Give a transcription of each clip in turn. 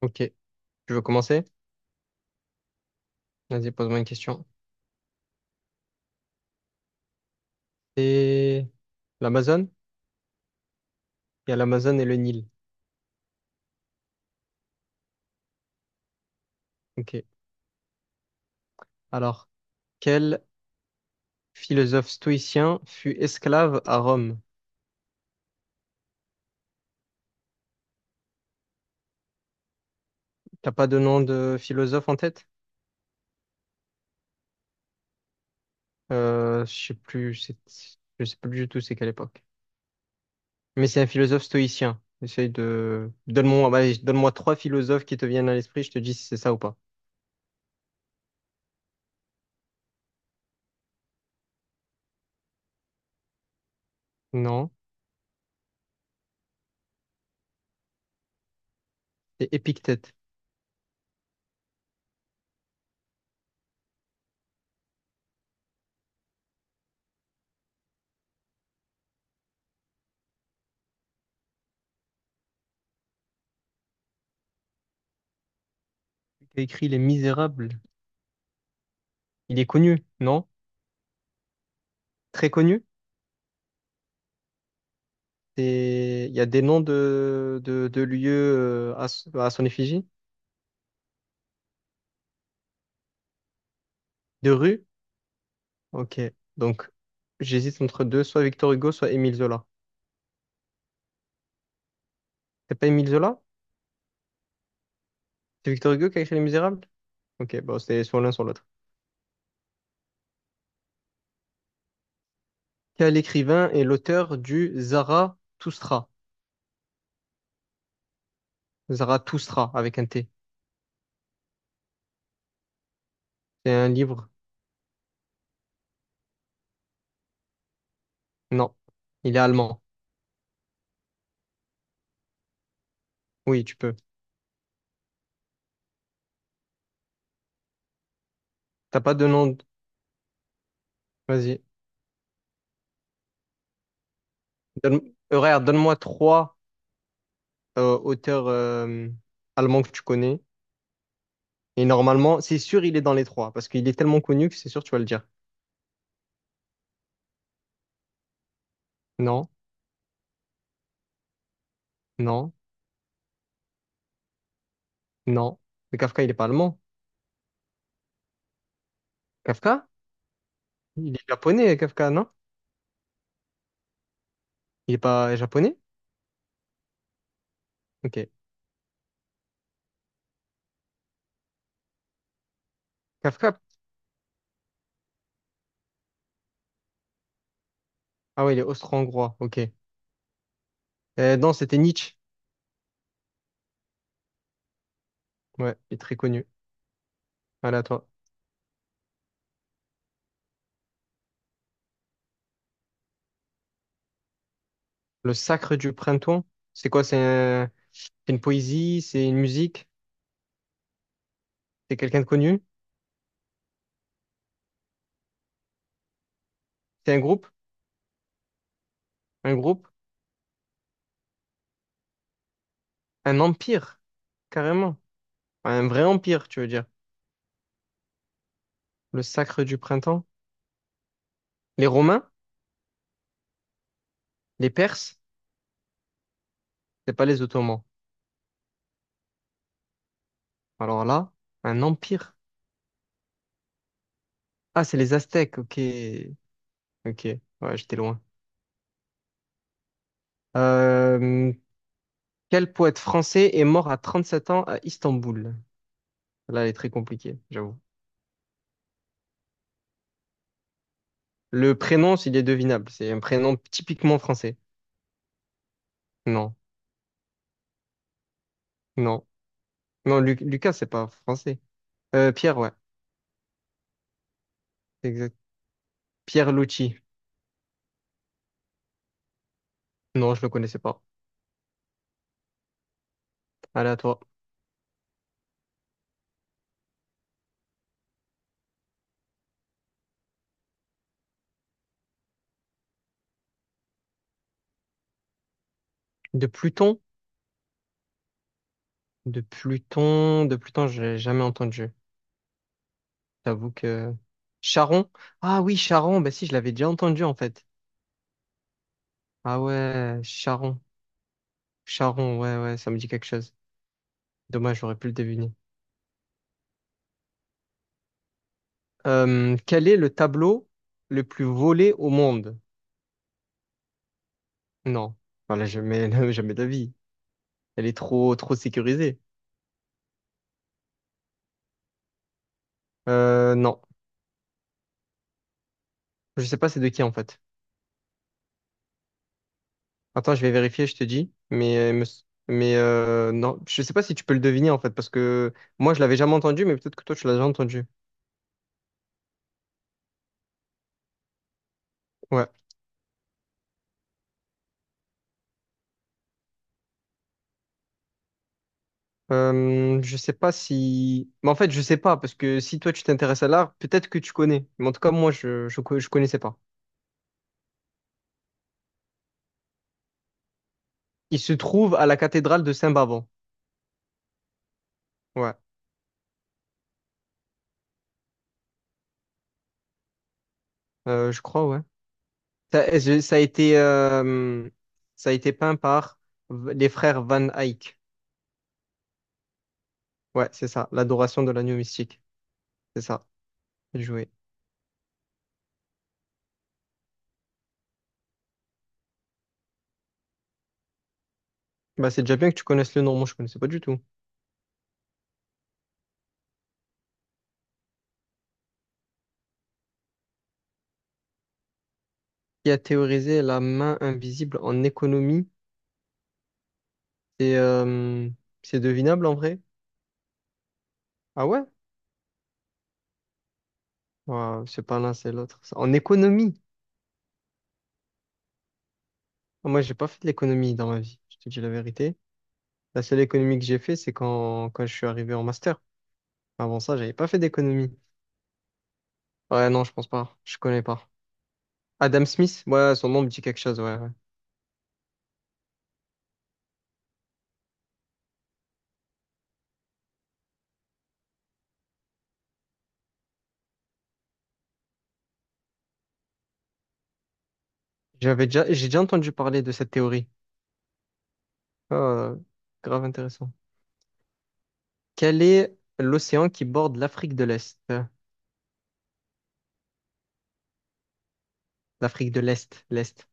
Ok, tu veux commencer? Vas-y, pose-moi une question. C'est l'Amazone? Il y a l'Amazone et le Nil. Ok. Alors, quel philosophe stoïcien fut esclave à Rome? T'as pas de nom de philosophe en tête? Je sais plus, je sais plus du tout c'est quelle époque. Mais c'est un philosophe stoïcien. Essaye de... Donne-moi, bah, donne-moi trois philosophes qui te viennent à l'esprit, je te dis si c'est ça ou pas. Non, c'est Épictète. Il a écrit Les Misérables. Il est connu, non? Très connu? Des, il y a des noms de lieux à, à son effigie? De rue. Ok. Donc, j'hésite entre deux, soit Victor Hugo, soit Émile Zola. C'est pas Émile Zola? C'est Victor Hugo qui a écrit Les Misérables? Ok, bon, c'est soit l'un, soit l'autre. Quel écrivain est l'auteur du Zarathustra? Zarathustra, avec un T. C'est un livre? Non. Il est allemand. Oui, tu peux. T'as pas de nom? Vas-y. Donne... regarde, donne-moi trois auteurs allemands que tu connais. Et normalement, c'est sûr, il est dans les trois, parce qu'il est tellement connu que c'est sûr, tu vas le dire. Non, non, non. Mais Kafka, il est pas allemand. Kafka? Il est japonais, Kafka, non? Il est pas japonais? Ok. Kafka? Ah ouais, il est austro-hongrois, ok. Non, c'était Nietzsche. Ouais, il est très connu. Voilà, à toi. Le sacre du printemps, c'est quoi? C'est une poésie, c'est une musique, c'est quelqu'un de connu, c'est un groupe, un groupe, un empire, carrément. Un vrai empire, tu veux dire. Le sacre du printemps. Les Romains? Les Perses? C'est pas les Ottomans. Alors là, un empire. Ah, c'est les Aztèques, ok. Ok, ouais, j'étais loin. Euh, Quel poète français est mort à 37 ans à Istanbul? Là, elle est très compliquée, j'avoue. Le prénom, s'il est devinable, c'est un prénom typiquement français. Non, non, non, Lucas, c'est pas français. Pierre, ouais, c'est exact. Pierre Lucci. Non, je le connaissais pas. Allez, à toi. De Pluton? De Pluton, de Pluton, j'ai jamais entendu. J'avoue que... Charon? Ah oui, Charon, bah si, je l'avais déjà entendu en fait. Ah ouais, Charon. Charon, ouais, ouais, ça me dit quelque chose. Dommage, j'aurais pu le deviner. Quel est le tableau le plus volé au monde? Non. Voilà, jamais, jamais d'avis. Elle est trop, trop sécurisée. Non. Je sais pas c'est de qui en fait. Attends, je vais vérifier, je te dis. Mais, non, je sais pas si tu peux le deviner en fait, parce que moi, je l'avais jamais entendu, mais peut-être que toi, tu l'as déjà entendu. Ouais. Je sais pas si... Mais en fait, je sais pas, parce que si toi tu t'intéresses à l'art, peut-être que tu connais. Mais en tout cas, moi, je connaissais pas. Il se trouve à la cathédrale de Saint-Bavon. Ouais, je crois, ouais. Ça a été, ça a été peint par les frères Van Eyck. Ouais, c'est ça, l'adoration de l'agneau mystique. C'est ça, joué. Bah, c'est déjà bien que tu connaisses le nom, moi je connaissais pas du tout. Qui a théorisé la main invisible en économie? C'est euh, c'est devinable en vrai? Ah ouais? Ouais, c'est pas l'un, c'est l'autre. En économie, ah, moi, j'ai pas fait de l'économie dans ma vie, je te dis la vérité. La seule économie que j'ai fait, c'est quand je suis arrivé en master. Avant ça, j'avais pas fait d'économie. Ouais, non, je pense pas. Je connais pas. Adam Smith, ouais, son nom me dit quelque chose, ouais, ouais. J'ai déjà entendu parler de cette théorie. Ah, grave intéressant. Quel est l'océan qui borde l'Afrique de l'Est? L'Afrique de l'Est, l'Est.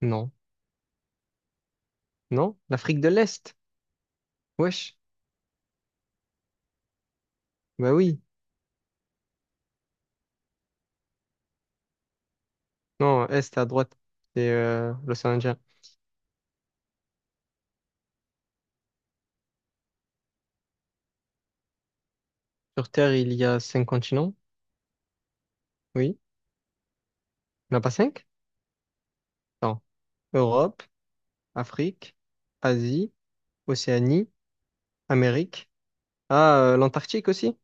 Non. Non? L'Afrique de l'Est. Wesh. Bah oui. Non, Est à droite. C'est l'océan Indien. Sur Terre, il y a cinq continents, oui. Il n'y en a pas cinq? Non. Europe, Afrique, Asie, Océanie, Amérique. Ah, l'Antarctique aussi?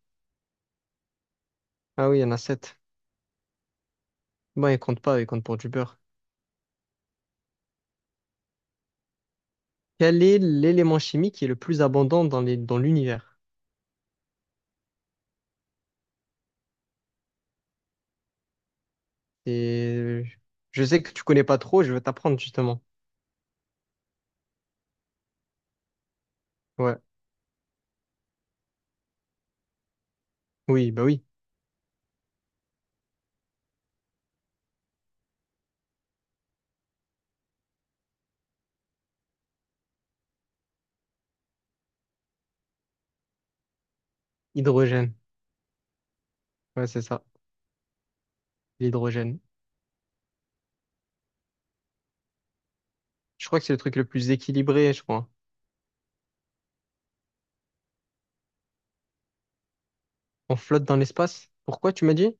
Ah oui, il y en a sept. Bon, ils comptent pas, ils comptent pour du beurre. Quel est l'élément chimique qui est le plus abondant dans dans l'univers? Et je sais que tu connais pas trop, je vais t'apprendre justement. Ouais. Oui, bah oui. Hydrogène. Ouais, c'est ça. L'hydrogène. Je crois que c'est le truc le plus équilibré, je crois. On flotte dans l'espace. Pourquoi tu m'as dit?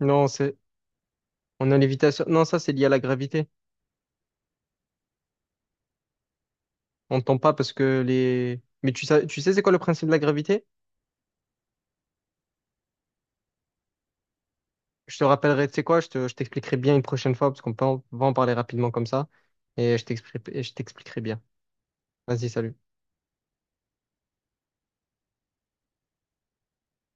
Non, c'est on est en lévitation. Non, ça, c'est lié à la gravité. On ne tombe pas parce que les. Mais tu sais c'est quoi le principe de la gravité? Je te rappellerai, tu sais quoi, je t'expliquerai bien une prochaine fois parce qu'on peut va en parler rapidement comme ça. Et je t'expliquerai bien. Vas-y, salut.